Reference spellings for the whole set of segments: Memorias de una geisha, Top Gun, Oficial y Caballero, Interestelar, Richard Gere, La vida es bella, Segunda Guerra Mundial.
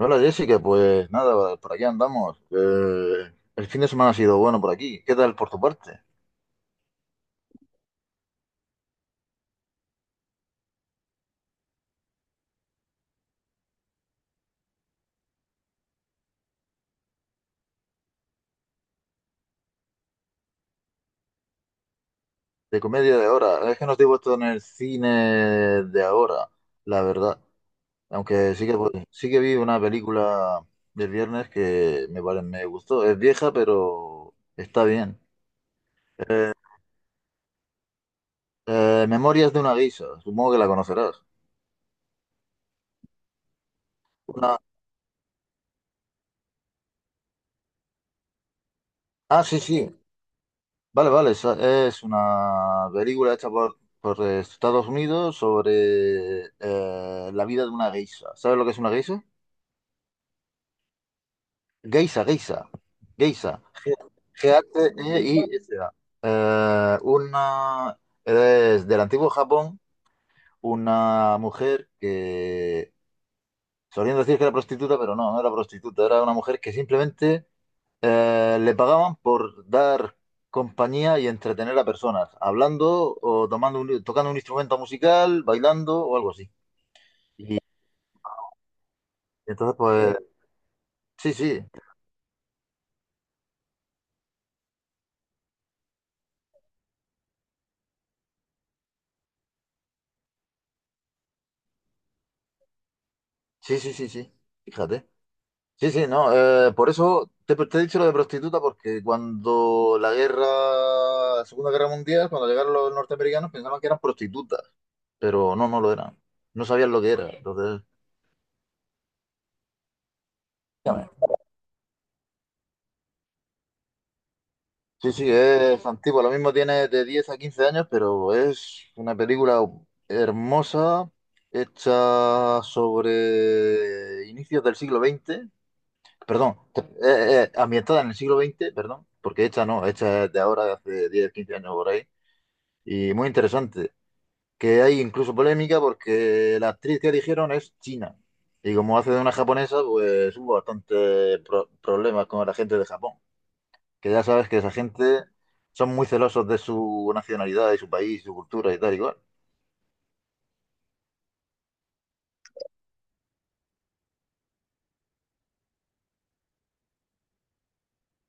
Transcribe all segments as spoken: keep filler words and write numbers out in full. Hola Jessica, pues nada, por aquí andamos. Eh, el fin de semana ha sido bueno por aquí. ¿Qué tal por tu parte? De comedia de ahora. Es que no estoy puesto en el cine de ahora, la verdad. Aunque sí que, pues, sí que vi una película del viernes que me, pare- me gustó. Es vieja, pero está bien. Eh, eh, Memorias de una geisha, supongo que la conocerás. Una... Ah, sí, sí. Vale, vale, esa- es una película hecha por, por Estados Unidos sobre eh, la vida de una geisha. ¿Sabes lo que es una geisha? Geisha, geisha, geisha. G- G-H-E-I-S-A. Eh, una, es del antiguo Japón, una mujer que solían decir que era prostituta, pero no, no era prostituta, era una mujer que simplemente Eh, le pagaban por dar compañía y entretener a personas, hablando o tomando un- tocando un instrumento musical, bailando o algo así. Y entonces, pues, sí, sí, sí, sí, sí, sí, fíjate. Sí, sí, no, eh, por eso te, te he dicho lo de prostituta, porque cuando la guerra, la Segunda Guerra Mundial, cuando llegaron los norteamericanos pensaban que eran prostitutas, pero no, no lo eran. No sabían lo que era. Entonces, sí, sí, es antiguo. Lo mismo tiene de diez a quince años, pero es una película hermosa, hecha sobre inicios del siglo veinte. Perdón, eh, eh, ambientada en el siglo veinte. Perdón, porque hecha no, hecha es de ahora, de hace diez, quince años por ahí, y muy interesante. Que hay incluso polémica porque la actriz que eligieron es china, y como hace de una japonesa, pues hubo bastantes pro- problemas con la gente de Japón, que ya sabes que esa gente son muy celosos de su nacionalidad y su país, su cultura y tal igual.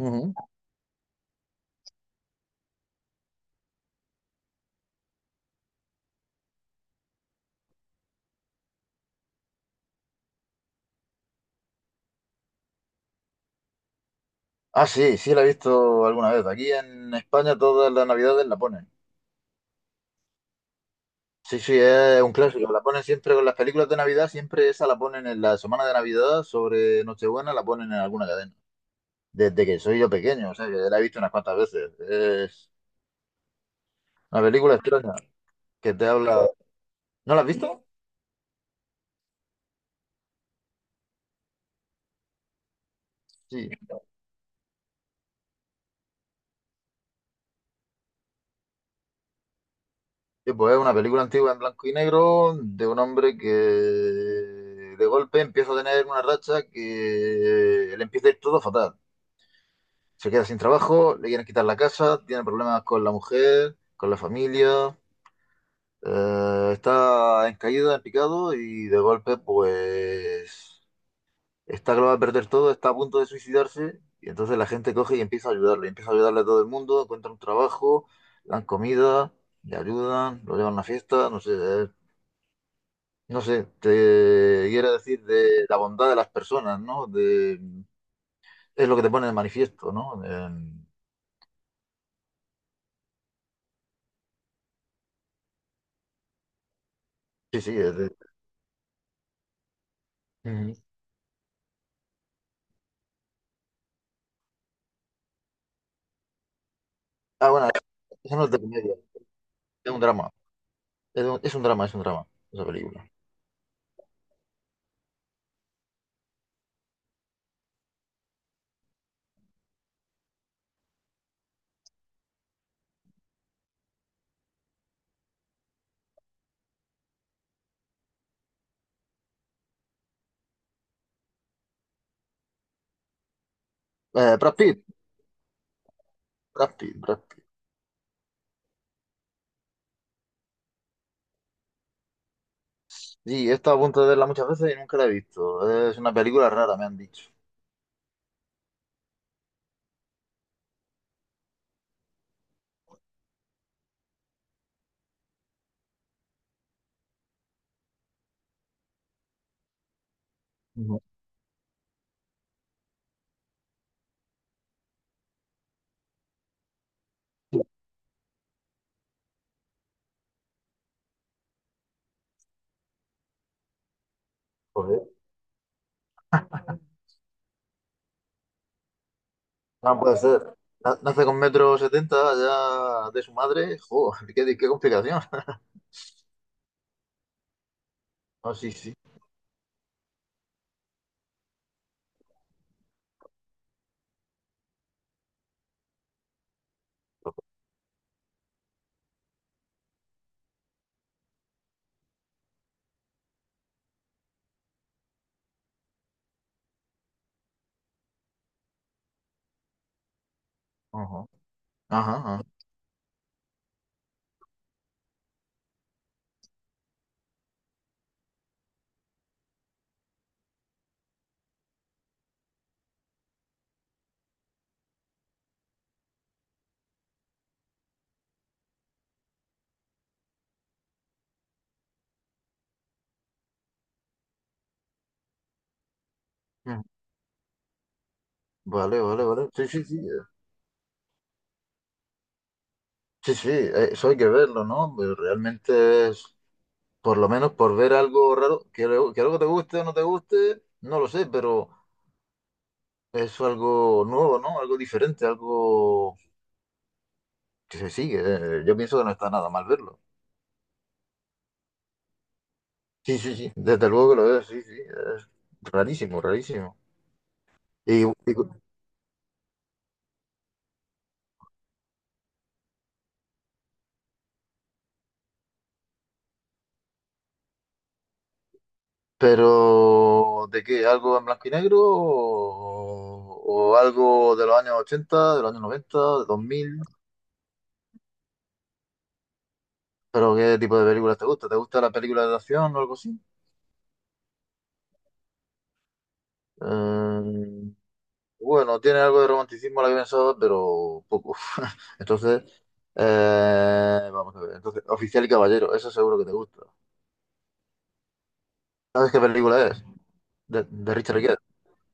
Ujú. Ah, sí, sí la he visto alguna vez. Aquí en España todas las navidades la ponen. Sí, sí, es un clásico. La ponen siempre con las películas de Navidad, siempre esa la ponen en la semana de Navidad, sobre Nochebuena la ponen en alguna cadena. Desde que soy yo pequeño, o sea, que la he visto unas cuantas veces. Es una película extraña que te habla... ¿No la has visto? Sí. Sí, pues es una película antigua en blanco y negro de un hombre que de golpe empieza a tener una racha que le empieza a ir todo fatal. Se queda sin trabajo, le quieren quitar la casa, tiene problemas con la mujer, con la familia, eh, está en caída, en picado y de golpe pues está que lo va a perder todo, está a punto de suicidarse y entonces la gente coge y empieza a ayudarle, empieza a ayudarle a todo el mundo, encuentra un trabajo, le dan comida, le ayudan, lo llevan a una fiesta, no sé, no sé, te quiere decir de la bondad de las personas, ¿no? De, es lo que te pone de manifiesto, ¿no? Eh, sí, sí, es de- Ujú. Ah, bueno, eso no es de comedia, es un drama, es un, es un drama, es un drama, esa película. Eh, Brad Pitt, Brad Pitt, Brad Pitt. Sí, he estado a punto de verla muchas veces y nunca la he visto. Es una película rara, me han dicho. Ujú. Joder, no puede ser. Na- Nace con metro setenta ya de su madre. Joder, qué, qué complicación. Ah, sí, sí. Ajá, ajá, ajá. Ujú. Vale, vale, vale. Sí, sí, sí. Sí, sí, eh, eso hay que verlo, ¿no? Pero realmente es, por lo menos por ver algo raro, que, algo- que algo te guste o no te guste, no lo sé, pero es algo nuevo, ¿no? Algo diferente, algo que se sigue. eh, Yo pienso que no está nada mal verlo. Sí, sí, sí, desde luego que lo veo, sí, sí, es rarísimo, rarísimo. Y, y- pero, ¿de qué? ¿Algo en blanco y negro o, o algo de los años ochenta, de los años noventa, de dos mil? ¿Pero qué tipo de películas te gusta? ¿Te gusta la película de acción o algo así? Eh, bueno, tiene algo de romanticismo la que pensaba, pero poco. Entonces, eh, vamos a ver. Entonces, Oficial y Caballero, eso seguro que te gusta. ¿Sabes qué película es? De, de Richard Gere.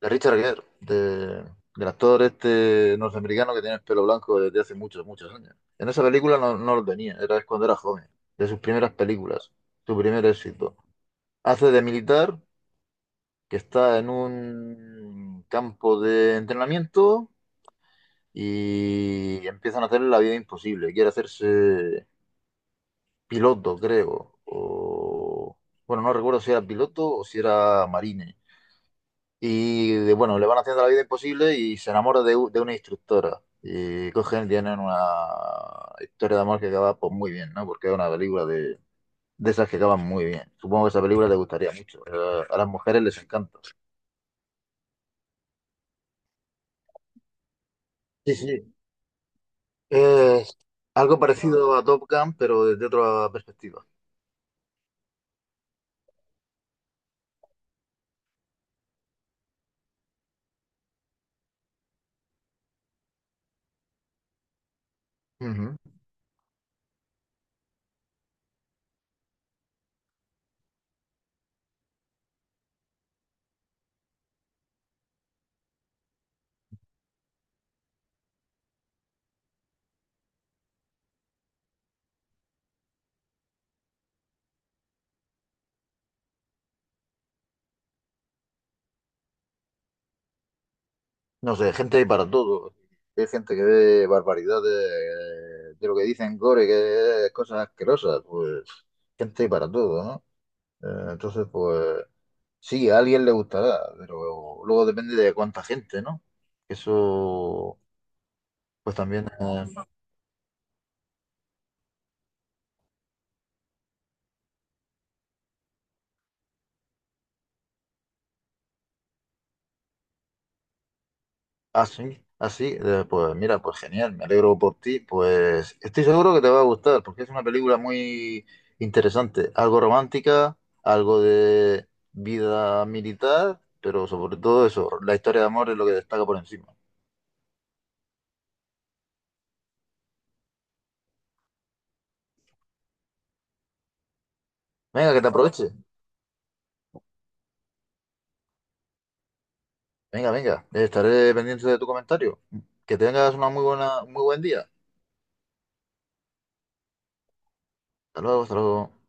De Richard Gere, de- del actor este norteamericano que tiene el pelo blanco desde hace muchos, muchos años. En esa película no, no lo tenía, era es cuando era joven, de sus primeras películas, su primer éxito. Hace de militar que está en un campo de entrenamiento y empiezan a hacerle la vida imposible. Quiere hacerse piloto, creo. O, bueno, no recuerdo si era piloto o si era marine. Y de- bueno, le van haciendo la vida imposible y se enamora de, u- de una instructora. Y cogen, tienen una historia de amor que acaba pues, muy bien, ¿no? Porque es una película de, de esas que acaban muy bien. Supongo que esa película te gustaría mucho. A, a las mujeres les encanta. Sí, sí. Es algo parecido a Top Gun, pero desde otra perspectiva. Ujú. No sé, gente hay para todo. Hay gente que ve barbaridades eh, de lo que dicen gore, que es cosas asquerosas. Pues gente hay para todo, ¿no? Eh, entonces, pues sí, a alguien le gustará, pero luego depende de cuánta gente, ¿no? Eso, pues también. Ah, sí, ah, sí, eh, pues mira, pues genial, me alegro por ti, pues estoy seguro que te va a gustar, porque es una película muy interesante, algo romántica, algo de vida militar, pero sobre todo eso, la historia de amor es lo que destaca por encima. Venga, que te aproveche, venga, venga, estaré pendiente de tu comentario, que tengas una muy buena, muy buen día, hasta luego, hasta luego.